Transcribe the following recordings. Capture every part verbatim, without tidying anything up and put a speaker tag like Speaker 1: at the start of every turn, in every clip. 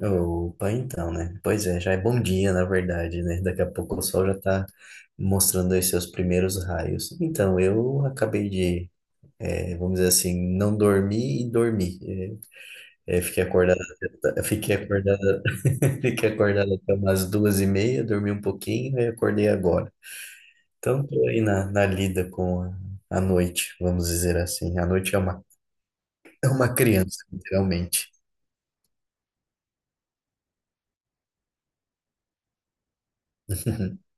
Speaker 1: Opa, então, né? Pois é, já é bom dia, na verdade, né? Daqui a pouco o sol já tá mostrando aí seus primeiros raios. Então, eu acabei de, eh, vamos dizer assim, não dormir e dormir. Eh, eh, fiquei acordado, até- Fiquei acordado, fiquei acordado até umas duas e meia, dormi um pouquinho e acordei agora. Então, tô aí na, na, lida com a, a noite, vamos dizer assim. A noite é uma, é uma criança, literalmente.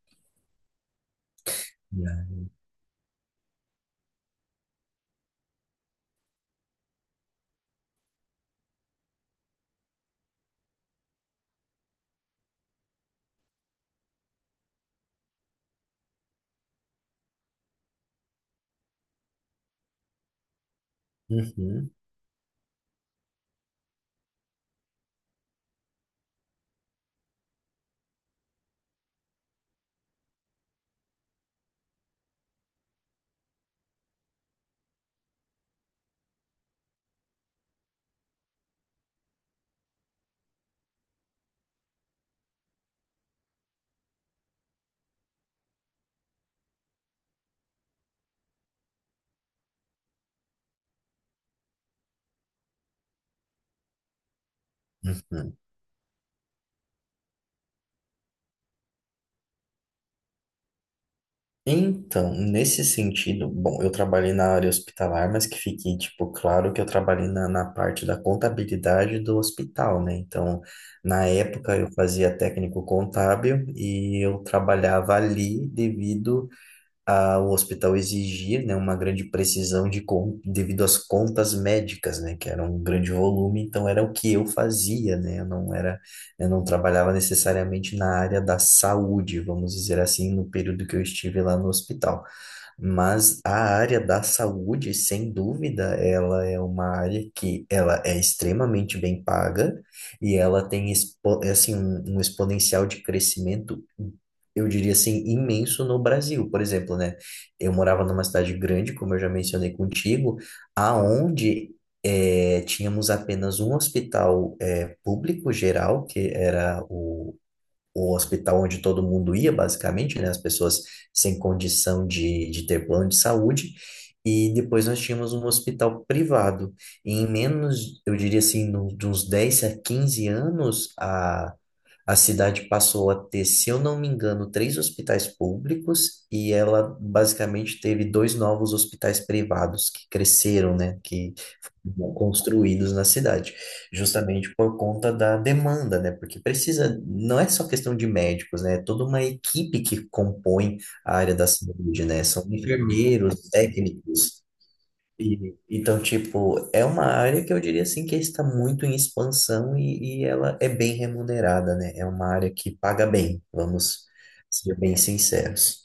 Speaker 1: Uhum, uhum. Então, nesse sentido, bom, eu trabalhei na área hospitalar, mas que fique, tipo, claro que eu trabalhei na, na parte da contabilidade do hospital, né? Então, na época eu fazia técnico contábil e eu trabalhava ali devido a, o hospital exigir, né, uma grande precisão de con- devido às contas médicas, né, que era um grande volume, então era o que eu fazia, né, eu não era, eu não trabalhava necessariamente na área da saúde, vamos dizer assim, no período que eu estive lá no hospital. Mas a área da saúde, sem dúvida, ela é uma área que ela é extremamente bem paga e ela tem expo- assim, um, um exponencial de crescimento, eu diria assim, imenso no Brasil. Por exemplo, né? Eu morava numa cidade grande, como eu já mencionei contigo, aonde eh, tínhamos apenas um hospital eh, público geral, que era o o hospital onde todo mundo ia, basicamente, né? As pessoas sem condição de, de ter plano de saúde. E depois nós tínhamos um hospital privado. E em menos, eu diria assim, no, de uns dez a quinze anos, a, a cidade passou a ter, se eu não me engano, três hospitais públicos e ela basicamente teve dois novos hospitais privados que cresceram, né, que foram construídos na cidade, justamente por conta da demanda, né, porque precisa, não é só questão de médicos, né, é toda uma equipe que compõe a área da saúde, né, são enfermeiros, técnicos, e- então, tipo, é uma área que eu diria assim que está muito em expansão e, e ela é bem remunerada, né? É uma área que paga bem, vamos ser bem sinceros.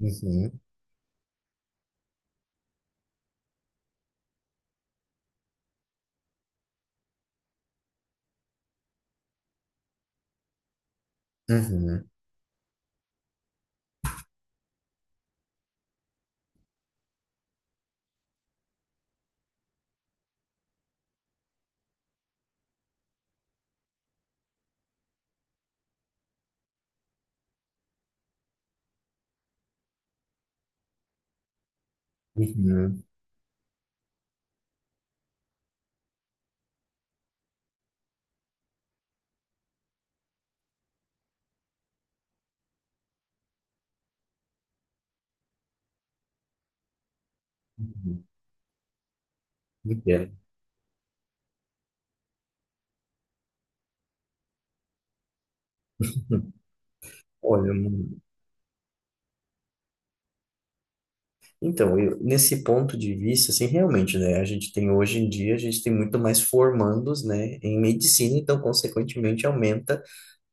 Speaker 1: Uhum, uhum, uhum, uhum, entendo. Olha, mano, então, eu, nesse ponto de vista, assim, realmente, né, a gente tem hoje em dia, a gente tem muito mais formandos, né, em medicina, então, consequentemente, aumenta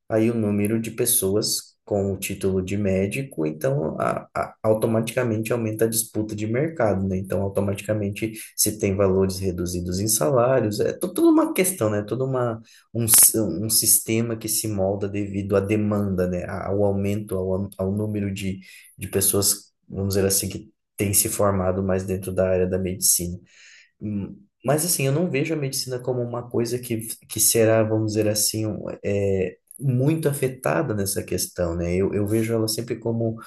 Speaker 1: aí o número de pessoas com o título de médico, então a, a- automaticamente aumenta a disputa de mercado, né? Então automaticamente se tem valores reduzidos em salários, é tu- tudo uma questão, né? Tudo uma, um, si- um sistema que se molda devido à demanda, né? A- Ao aumento, ao, am- ao número de, de pessoas, vamos dizer assim, que têm se formado mais dentro da área da medicina. Hum, Mas assim, eu não vejo a medicina como uma coisa que, que será, vamos dizer assim, um, é, muito afetada nessa questão, né? Eu, eu vejo ela sempre como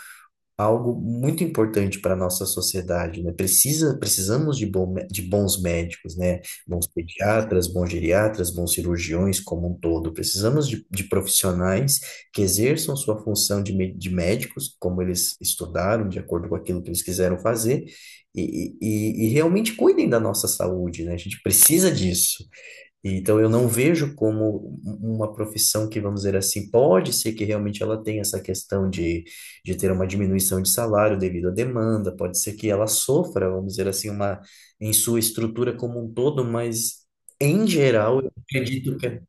Speaker 1: algo muito importante para a nossa sociedade, né? Precisa, precisamos de, bom, de bons médicos, né? Bons pediatras, bons geriatras, bons cirurgiões como um todo. Precisamos de, de profissionais que exerçam sua função de, mé- de médicos, como eles estudaram, de acordo com aquilo que eles quiseram fazer, e, e, e e realmente cuidem da nossa saúde, né? A gente precisa disso. Então, eu não vejo como uma profissão que, vamos dizer assim, pode ser que realmente ela tenha essa questão de, de ter uma diminuição de salário devido à demanda, pode ser que ela sofra, vamos dizer assim, uma, em sua estrutura como um todo, mas em geral, eu acredito que. é,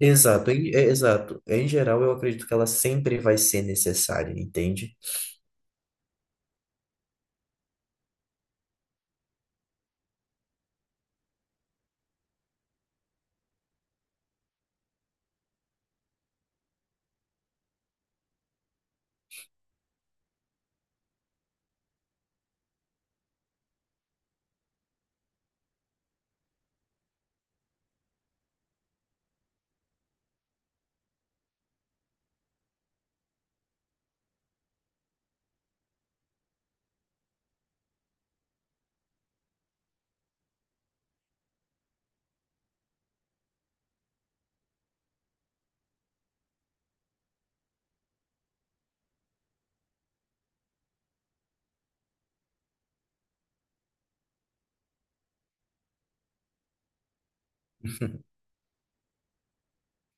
Speaker 1: Exato, em, é, exato. Em geral, eu acredito que ela sempre vai ser necessária, entende?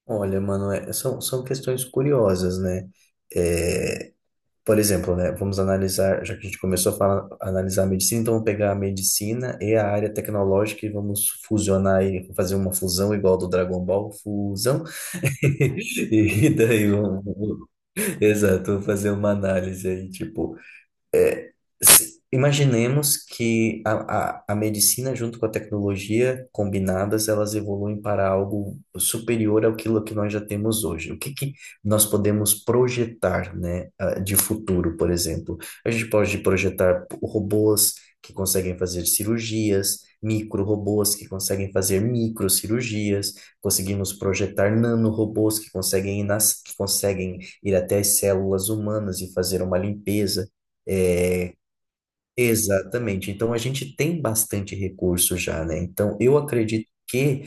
Speaker 1: Olha, mano, é- são, são questões curiosas, né? É, Por exemplo, né, vamos analisar, já que a gente começou a falar, a analisar a medicina, então vamos pegar a medicina e a área tecnológica e vamos fusionar e fazer uma fusão igual do Dragon Ball, fusão. E daí vamos, exato, vamos fazer uma análise aí, tipo, é, se- imaginemos que a, a, a medicina junto com a tecnologia combinadas, elas evoluem para algo superior àquilo que nós já temos hoje. O que que nós podemos projetar, né, ah, de futuro, por exemplo? A gente pode projetar robôs que conseguem fazer cirurgias, micro-robôs que conseguem fazer microcirurgias, conseguimos projetar nanorobôs que conseguem ir nas, que conseguem ir até as células humanas e fazer uma limpeza. É, exatamente. Então a gente tem bastante recurso já, né? Então eu acredito que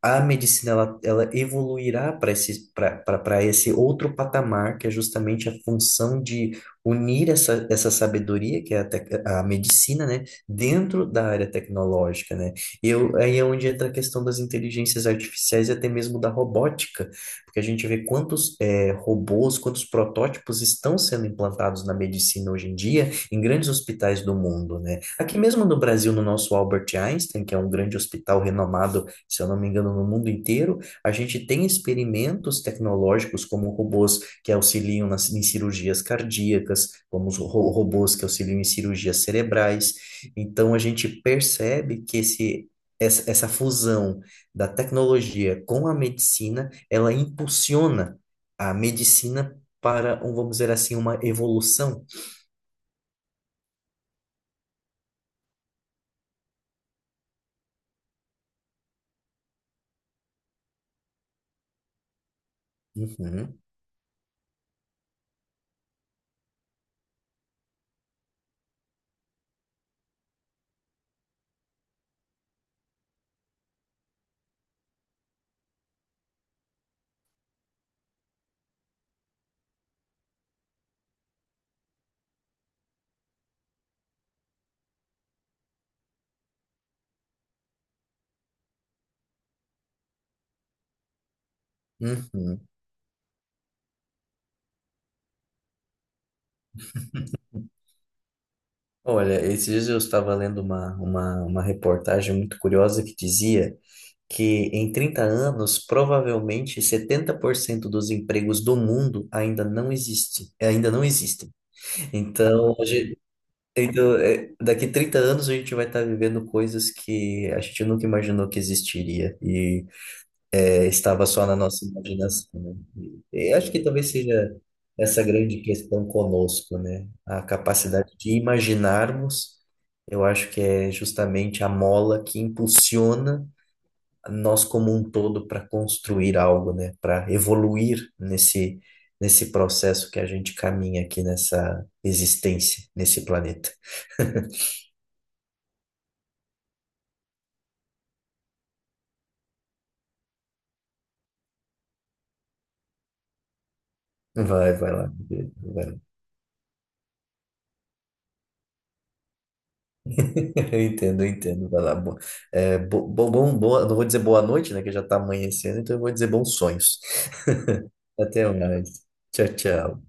Speaker 1: a medicina ela, ela evoluirá para esse, para esse outro patamar, que é justamente a função de unir essa, essa sabedoria, que é a, tec- a medicina, né, dentro da área tecnológica, né? E eu, aí é onde entra a questão das inteligências artificiais e até mesmo da robótica, porque a gente vê quantos eh, robôs, quantos protótipos estão sendo implantados na medicina hoje em dia, em grandes hospitais do mundo, né? Aqui mesmo no Brasil, no nosso Albert Einstein, que é um grande hospital renomado, se eu não me engano, no mundo inteiro, a gente tem experimentos tecnológicos como robôs que auxiliam nas, em cirurgias cardíacas, como os ro- robôs que auxiliam em cirurgias cerebrais. Então, a gente percebe que esse, essa, essa fusão da tecnologia com a medicina, ela impulsiona a medicina para, um, vamos dizer assim, uma evolução. Uhum, uhum. Olha, esses dias eu estava lendo uma, uma, uma reportagem muito curiosa que dizia que em trinta anos, provavelmente setenta por cento dos empregos do mundo ainda não existe, ainda não existem. Então, hoje, então, é, daqui trinta anos a gente vai estar vivendo coisas que a gente nunca imaginou que existiria e é, estava só na nossa imaginação, né? E, e acho que talvez seja essa grande questão conosco, né? A capacidade de imaginarmos, eu acho que é justamente a mola que impulsiona nós como um todo para construir algo, né? Para evoluir nesse nesse processo que a gente caminha aqui nessa existência, nesse planeta. Vai, vai lá. Vai lá. Eu entendo, eu entendo. Vai lá. Bo, é, bo, bo- bom, boa, Não vou dizer boa noite, né? Que já tá amanhecendo, então eu vou dizer bons sonhos. Até mais. Tchau, tchau.